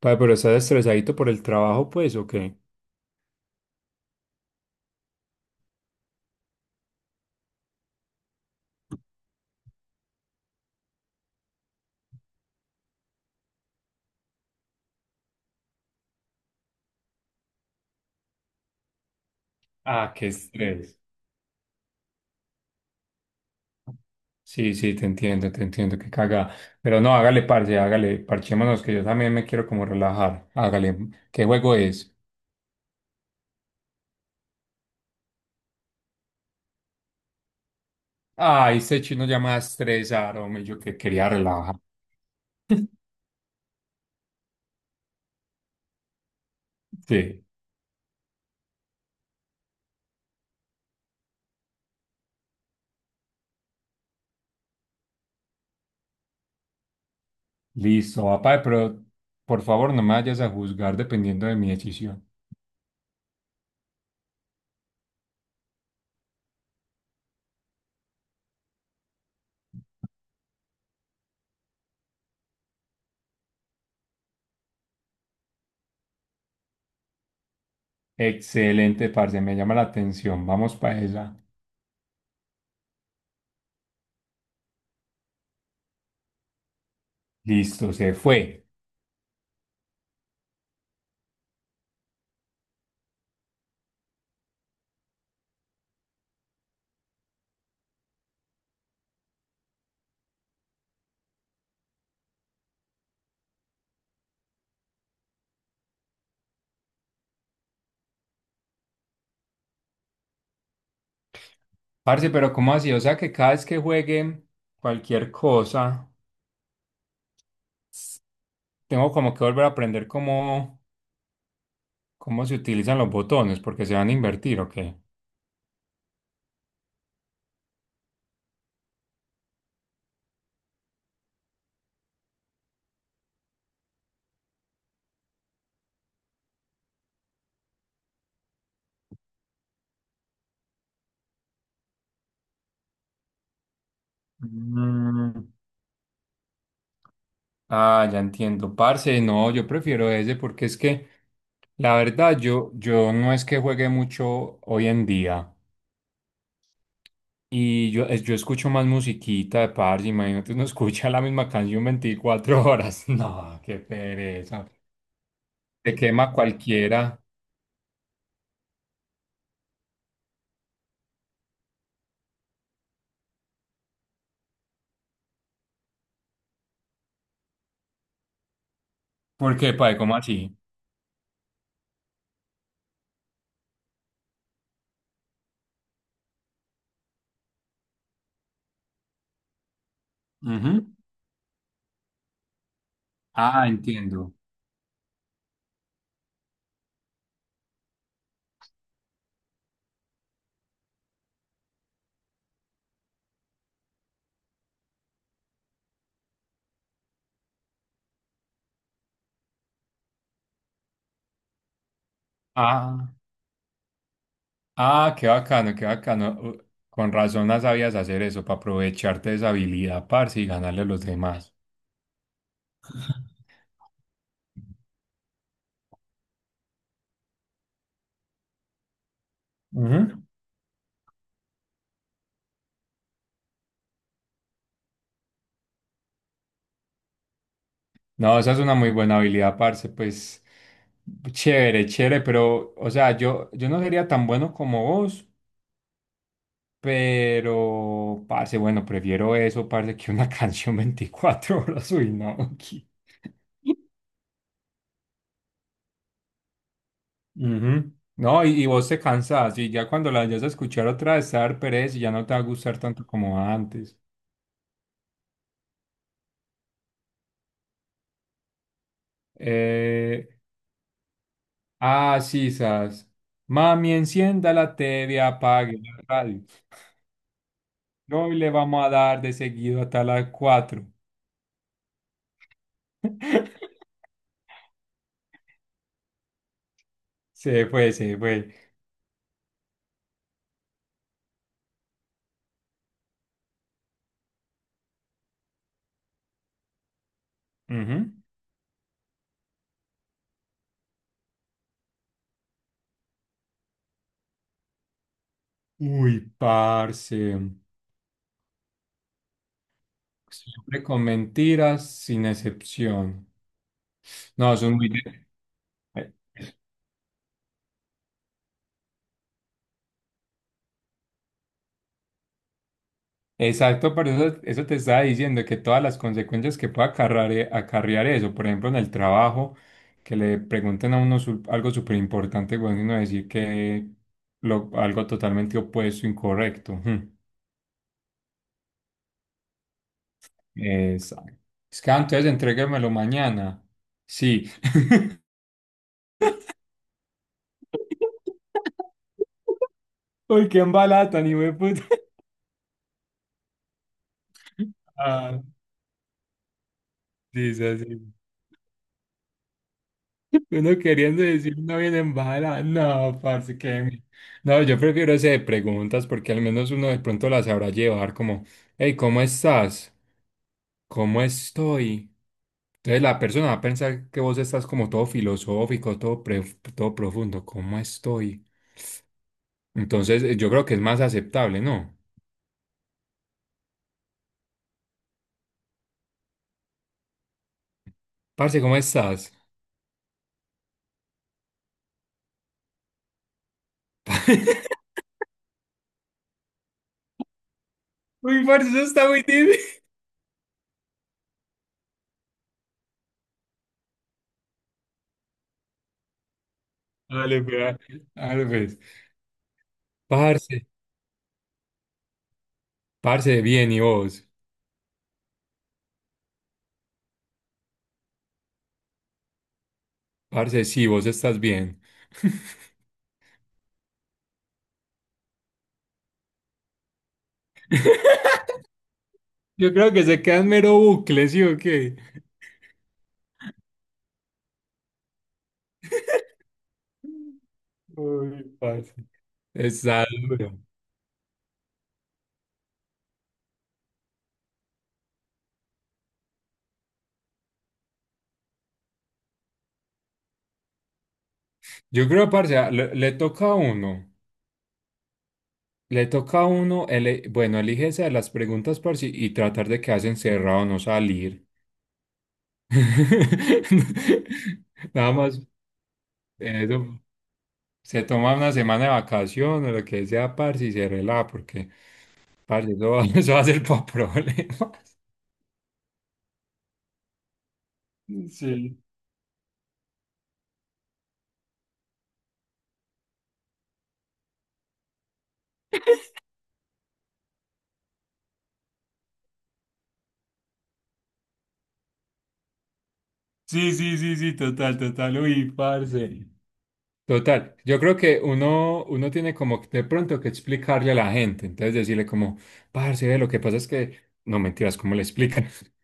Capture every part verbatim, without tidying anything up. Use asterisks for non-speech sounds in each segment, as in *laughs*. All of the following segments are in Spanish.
Padre, pero estás estresadito por el trabajo, pues, ¿o qué? Ah, qué estrés. Sí, sí, te entiendo, te entiendo, qué caga. Pero no, hágale parce, hágale, parchémonos, que yo también me quiero como relajar. Hágale, ¿qué juego es? Ay, este chino ya me va a estresar, hombre. yo que quería relajar. Sí, listo, va, pero por favor no me vayas a juzgar dependiendo de mi decisión. Excelente, parce, me llama la atención, vamos para esa. Listo, se fue. Parce, pero ¿cómo así? O sea que cada vez que juegue cualquier cosa, s- tengo como que volver a aprender cómo, cómo se utilizan los botones, porque se van a invertir, ¿o qué? Mm. Ah, ya entiendo. Parce, no, yo prefiero ese porque es que la verdad yo, yo no es que juegue mucho hoy en día. Y yo, es- yo escucho más musiquita de parce, imagínate, uno *laughs* escucha la misma canción veinticuatro horas. *laughs* No, qué pereza. Te quema cualquiera. ¿Por qué, padre? ¿Cómo así? Ujú. Ah, entiendo. Ah, ah, qué bacano, qué bacano. Uh, Con razón no sabías hacer eso, para aprovecharte de esa habilidad, parce, y ganarle a los demás. Ujú. No, esa es una muy buena habilidad, parce, pues chévere, chévere, pero, o sea, yo, yo no sería tan bueno como vos, pero, parce, bueno, prefiero eso, parce, que una *laughs* canción veinticuatro horas, uy, no, aquí. Ujú. No, y, y vos te cansás y ya cuando la vayas a escuchar otra vez te va a dar pereza y ya no te va a gustar tanto como antes. Eh, ah, sí, sas. Mami, encienda la T V, apague la radio. Hoy le vamos a dar de seguido hasta las cuatro. *laughs* Se fue, se fue. Ujú. Uy, parce. Siempre con mentiras, sin excepción. No, son muy... Exacto, por eso, eso te estaba diciendo que todas las consecuencias que pueda acarrar- eh, acarrear, eso, por ejemplo, en el trabajo, que le pregunten a uno su- algo súper importante, bueno, y uno decir que lo, algo totalmente opuesto, incorrecto. Ujú. Exacto. Es que "Ah, entonces entréguemelo mañana". Sí. *laughs* Uy, qué embalada, ni me puta. *laughs* Ah, sí, sí, sí. *laughs* Uno queriendo decir no viene en bala. No, parce, que... mi- No, yo prefiero ese de preguntas porque al menos uno de pronto la sabrá llevar como, hey, ¿cómo estás? ¿Cómo estoy? Entonces la persona va a pensar que vos estás como todo filosófico, todo, pre- todo profundo. ¿Cómo estoy? Entonces eh, yo creo que es más aceptable, ¿no? Parce, ¿cómo estás? Uy, parce, eso está muy difícil. *laughs* Dale, pues, dale, pues. Parce, parce, bien, ¿y vos? Parce, sí, vos estás bien. *laughs* Yo creo que se quedan mero bucle, ¿sí o qué? Uy, parce. Está duro. Yo creo, parce, a- le, le toca a uno. Le toca a uno, ele- bueno, elige esa de las preguntas, parce, y tratar de quedarse encerrado, no salir. *laughs* Nada más, eso. Se toma una semana de vacaciones, lo que sea, parce, y se relaja, porque, parce, eso va, *laughs* eso va a ser para problemas. Sí. Sí, sí, sí, sí, total, total. Uy, parce. Total, yo creo que uno, uno tiene como que de pronto que explicarle a la gente, entonces decirle como, parce, ve, lo que pasa es que, no mentiras, ¿cómo le explican? *laughs*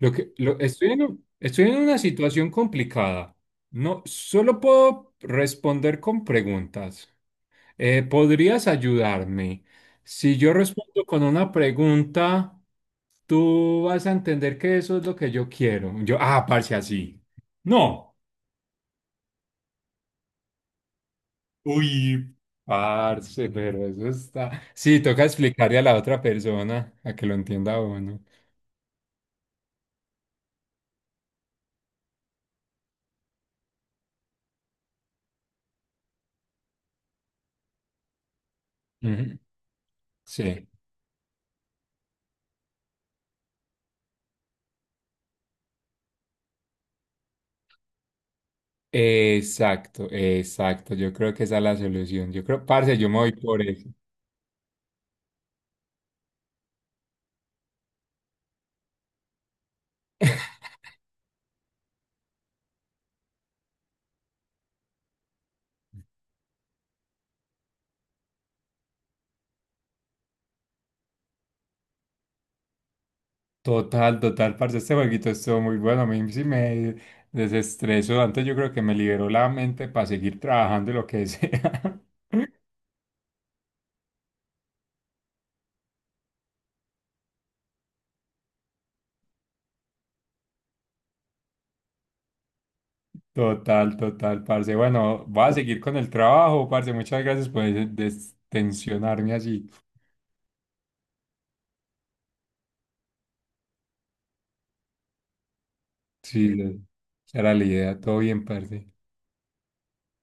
Lo que, lo, estoy en, un- estoy en una situación complicada, no, solo puedo responder con preguntas. Eh, ¿podrías ayudarme? Si yo respondo con una pregunta, tú vas a entender que eso es lo que yo quiero. Yo, ah, parce, así. No. Uy, parce, pero eso está. Sí, toca explicarle a la otra persona a que lo entienda uno. Ujú. Sí. Exacto, exacto. Yo creo que esa es la solución. Yo creo, parce, yo me voy por eso. Total, total, parce. Este jueguito estuvo muy bueno. A mí sí me desestresó. Antes yo creo que me liberó la mente para seguir trabajando y lo que sea. *laughs* Total, total, parce. Bueno, voy a seguir con el trabajo, parce. Muchas gracias por destensionarme así. Sí, lo- era la idea. Todo bien, parce.